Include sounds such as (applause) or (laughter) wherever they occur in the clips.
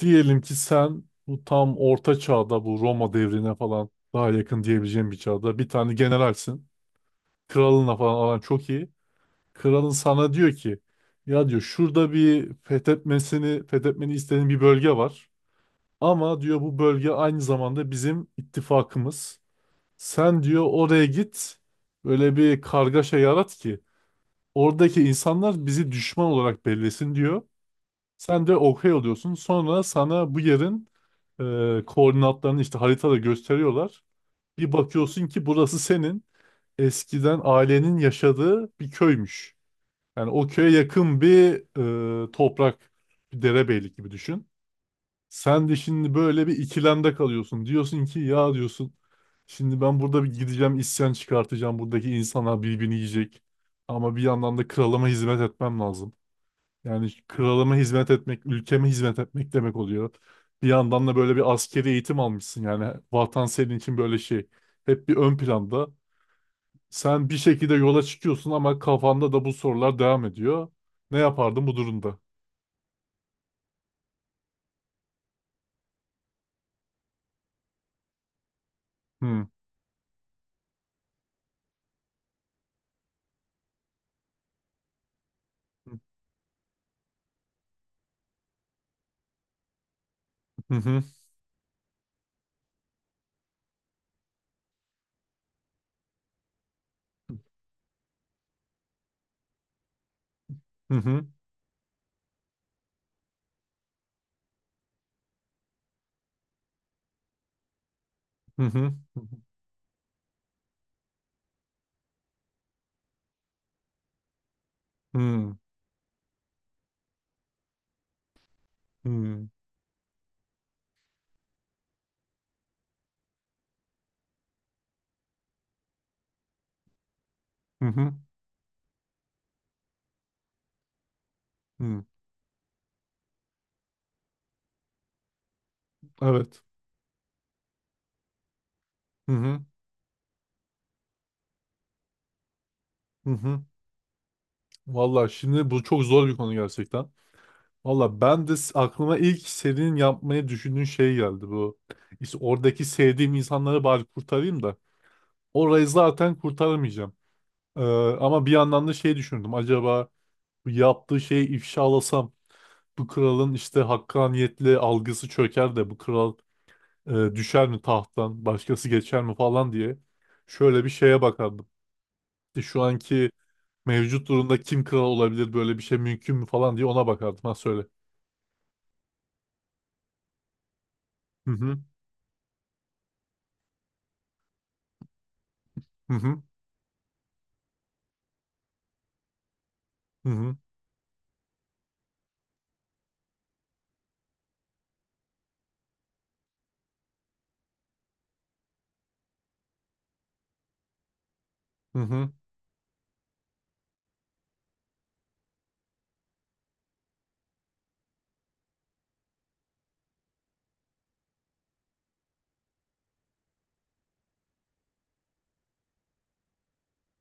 Diyelim ki sen bu tam orta çağda bu Roma devrine falan daha yakın diyebileceğim bir çağda bir tane generalsin. Kralınla falan aran çok iyi. Kralın sana diyor ki ya diyor şurada bir fethetmeni istediğin bir bölge var. Ama diyor bu bölge aynı zamanda bizim ittifakımız. Sen diyor oraya git böyle bir kargaşa yarat ki oradaki insanlar bizi düşman olarak bellesin diyor. Sen de okey oluyorsun. Sonra sana bu yerin koordinatlarını işte haritada gösteriyorlar. Bir bakıyorsun ki burası senin eskiden ailenin yaşadığı bir köymüş. Yani o köye yakın bir toprak, bir derebeylik gibi düşün. Sen de şimdi böyle bir ikilemde kalıyorsun. Diyorsun ki ya diyorsun şimdi ben burada bir gideceğim, isyan çıkartacağım. Buradaki insanlar birbirini yiyecek. Ama bir yandan da kralıma hizmet etmem lazım. Yani kralıma hizmet etmek, ülkeme hizmet etmek demek oluyor. Bir yandan da böyle bir askeri eğitim almışsın yani. Vatan senin için böyle şey. Hep bir ön planda. Sen bir şekilde yola çıkıyorsun ama kafanda da bu sorular devam ediyor. Ne yapardın bu durumda? Hmm. Hı hı hı hı hı hı hı hı hı hı. Evet. Hı hı hı hı. Vallahi şimdi bu çok zor bir konu gerçekten. Valla ben de aklıma ilk senin yapmayı düşündüğün şey geldi bu. İşte oradaki sevdiğim insanları bari kurtarayım da. Orayı zaten kurtaramayacağım. Ee, ama bir yandan da şey düşündüm. Acaba bu yaptığı şeyi ifşalasam bu kralın işte hakkaniyetli algısı çöker de bu kral e, düşer mi tahttan, başkası geçer mi falan diye. Şöyle bir şeye bakardım. İşte şu anki mevcut durumda kim kral olabilir, böyle bir şey mümkün mü falan diye ona bakardım. Ha söyle. Hı hı hı hı hı hı. Hı hı.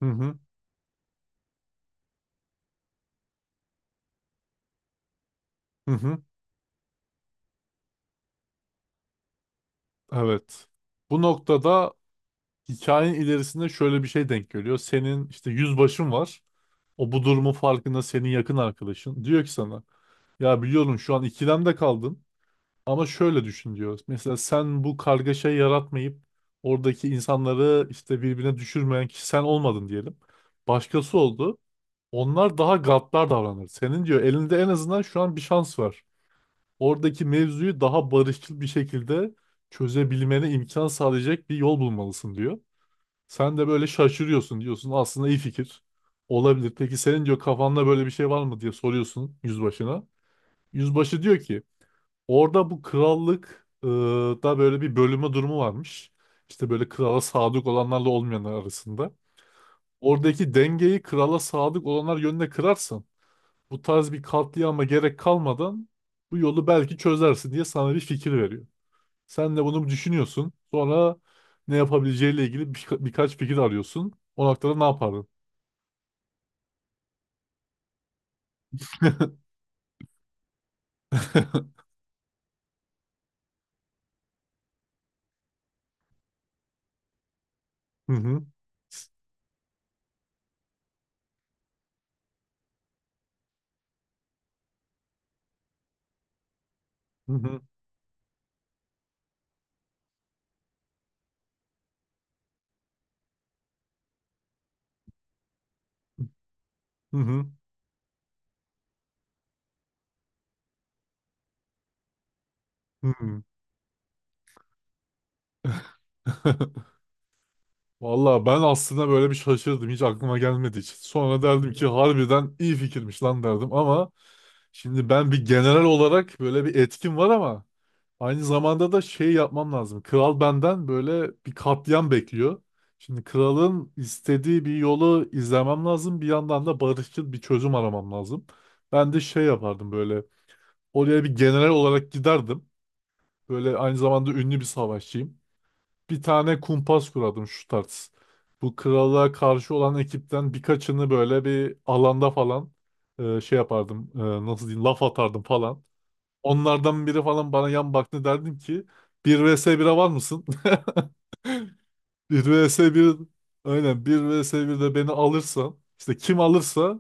Hı hı, hı hı. Evet. Bu noktada hikayenin ilerisinde şöyle bir şey denk geliyor. Senin işte yüzbaşın var. O bu durumun farkında, senin yakın arkadaşın. Diyor ki sana ya biliyorum şu an ikilemde kaldın ama şöyle düşün diyor. Mesela sen bu kargaşayı yaratmayıp oradaki insanları işte birbirine düşürmeyen kişi sen olmadın diyelim. Başkası oldu. Onlar daha gaddar davranır. Senin diyor elinde en azından şu an bir şans var. Oradaki mevzuyu daha barışçıl bir şekilde çözebilmene imkan sağlayacak bir yol bulmalısın diyor. Sen de böyle şaşırıyorsun, diyorsun aslında iyi fikir olabilir. Peki senin diyor kafanda böyle bir şey var mı diye soruyorsun yüzbaşına. Yüzbaşı diyor ki orada bu krallık da böyle bir bölüme durumu varmış. İşte böyle krala sadık olanlarla olmayanlar arasında. Oradaki dengeyi krala sadık olanlar yönüne kırarsan bu tarz bir katliama gerek kalmadan bu yolu belki çözersin diye sana bir fikir veriyor. Sen de bunu düşünüyorsun. Sonra ne yapabileceğiyle ilgili birkaç fikir arıyorsun. O noktada ne yapardın? (laughs) Hı hı, hı hı, hı hı, hı hı. (laughs) Valla ben aslında böyle bir şaşırdım. Hiç aklıma gelmedi hiç. Sonra derdim ki harbiden iyi fikirmiş lan derdim ama şimdi ben bir general olarak böyle bir etkim var ama aynı zamanda da şey yapmam lazım. Kral benden böyle bir katliam bekliyor. Şimdi kralın istediği bir yolu izlemem lazım. Bir yandan da barışçıl bir çözüm aramam lazım. Ben de şey yapardım böyle. Oraya bir general olarak giderdim. Böyle aynı zamanda ünlü bir savaşçıyım. Bir tane kumpas kurardım şu tarz. Bu krala karşı olan ekipten birkaçını böyle bir alanda falan şey yapardım. Nasıl diyeyim, laf atardım falan. Onlardan biri falan bana yan baktı, derdim ki 1 vs 1'e var mısın? (laughs) 1 vs 1, aynen, 1 vs birde beni alırsan işte kim alırsa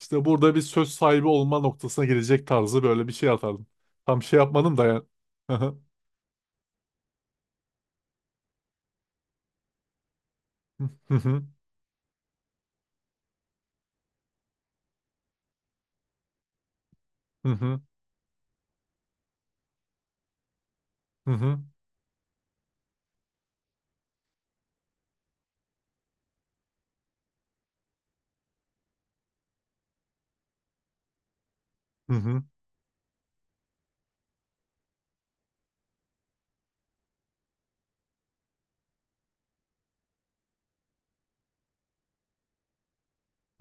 işte burada bir söz sahibi olma noktasına gelecek tarzı böyle bir şey atardım. Tam şey yapmadım da yani. (laughs) Hı hı, hı hı, hı hı, hı hı,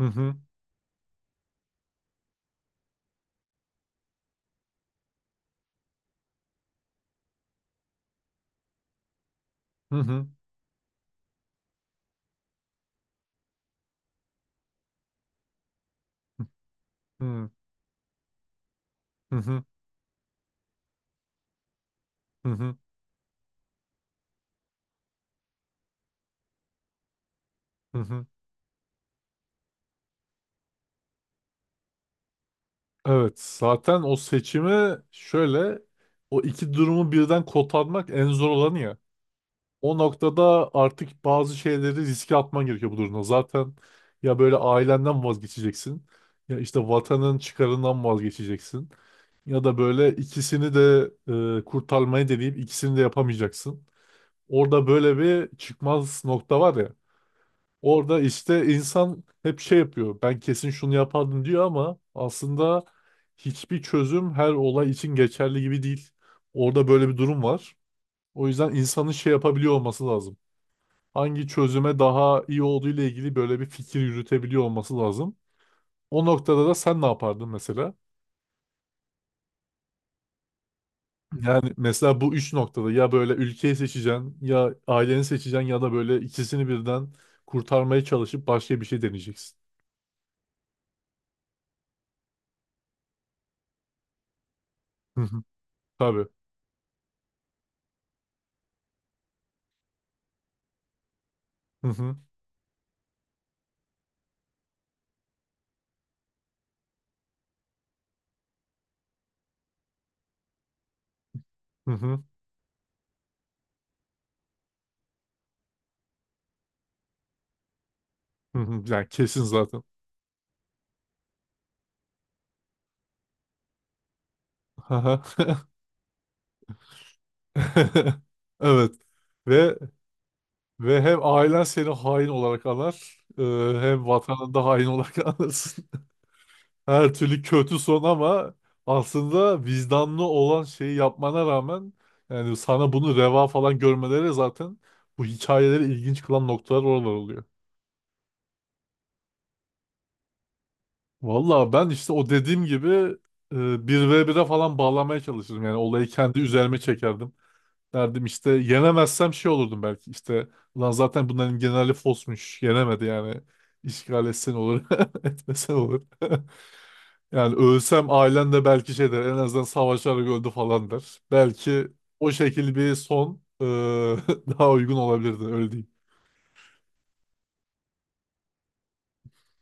hı hı, hı hı, hı hı, hı hı, hı hı, hı hı. Evet zaten o seçimi şöyle, o iki durumu birden kotarmak en zor olanı ya. O noktada artık bazı şeyleri riske atman gerekiyor bu durumda. Zaten ya böyle ailenden vazgeçeceksin, ya işte vatanın çıkarından vazgeçeceksin ya da böyle ikisini de kurtarmayı deneyip ikisini de yapamayacaksın. Orada böyle bir çıkmaz nokta var ya. Orada işte insan hep şey yapıyor. Ben kesin şunu yapardım diyor ama aslında hiçbir çözüm her olay için geçerli gibi değil. Orada böyle bir durum var. O yüzden insanın şey yapabiliyor olması lazım, hangi çözüme daha iyi olduğu ile ilgili böyle bir fikir yürütebiliyor olması lazım. O noktada da sen ne yapardın mesela? Yani mesela bu üç noktada ya böyle ülkeyi seçeceksin, ya aileni seçeceksin ya da böyle ikisini birden kurtarmaya çalışıp başka bir şey deneyeceksin. Hı hı. Tabii. Hı hı. Hı hı. Hı hı. Yani kesin zaten. Hı hı. (laughs) Evet. Ve ve hem ailen seni hain olarak anar, hem vatanında hain olarak (laughs) anırsın. Her türlü kötü son ama aslında vicdanlı olan şeyi yapmana rağmen, yani sana bunu reva falan görmeleri zaten bu hikayeleri ilginç kılan noktalar oralar oluyor. Valla ben işte o dediğim gibi bir ve bire falan bağlamaya çalışırdım. Yani olayı kendi üzerime çekerdim. Derdim işte, yenemezsem şey olurdum belki, işte lan zaten bunların generali fosmuş yenemedi yani, işgal etsen olur (laughs) etmesen olur. (laughs) Yani ölsem ailen de belki şey der, en azından savaşarak öldü falan der. Belki o şekil bir son (laughs) daha uygun olabilirdi öyle diyeyim.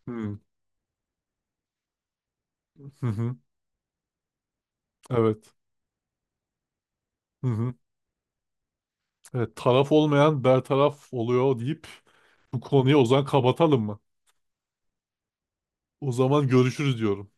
Hmm. Hı hı. Evet. Hı hı. Evet, taraf olmayan bertaraf oluyor deyip bu konuyu o zaman kapatalım mı? O zaman görüşürüz diyorum.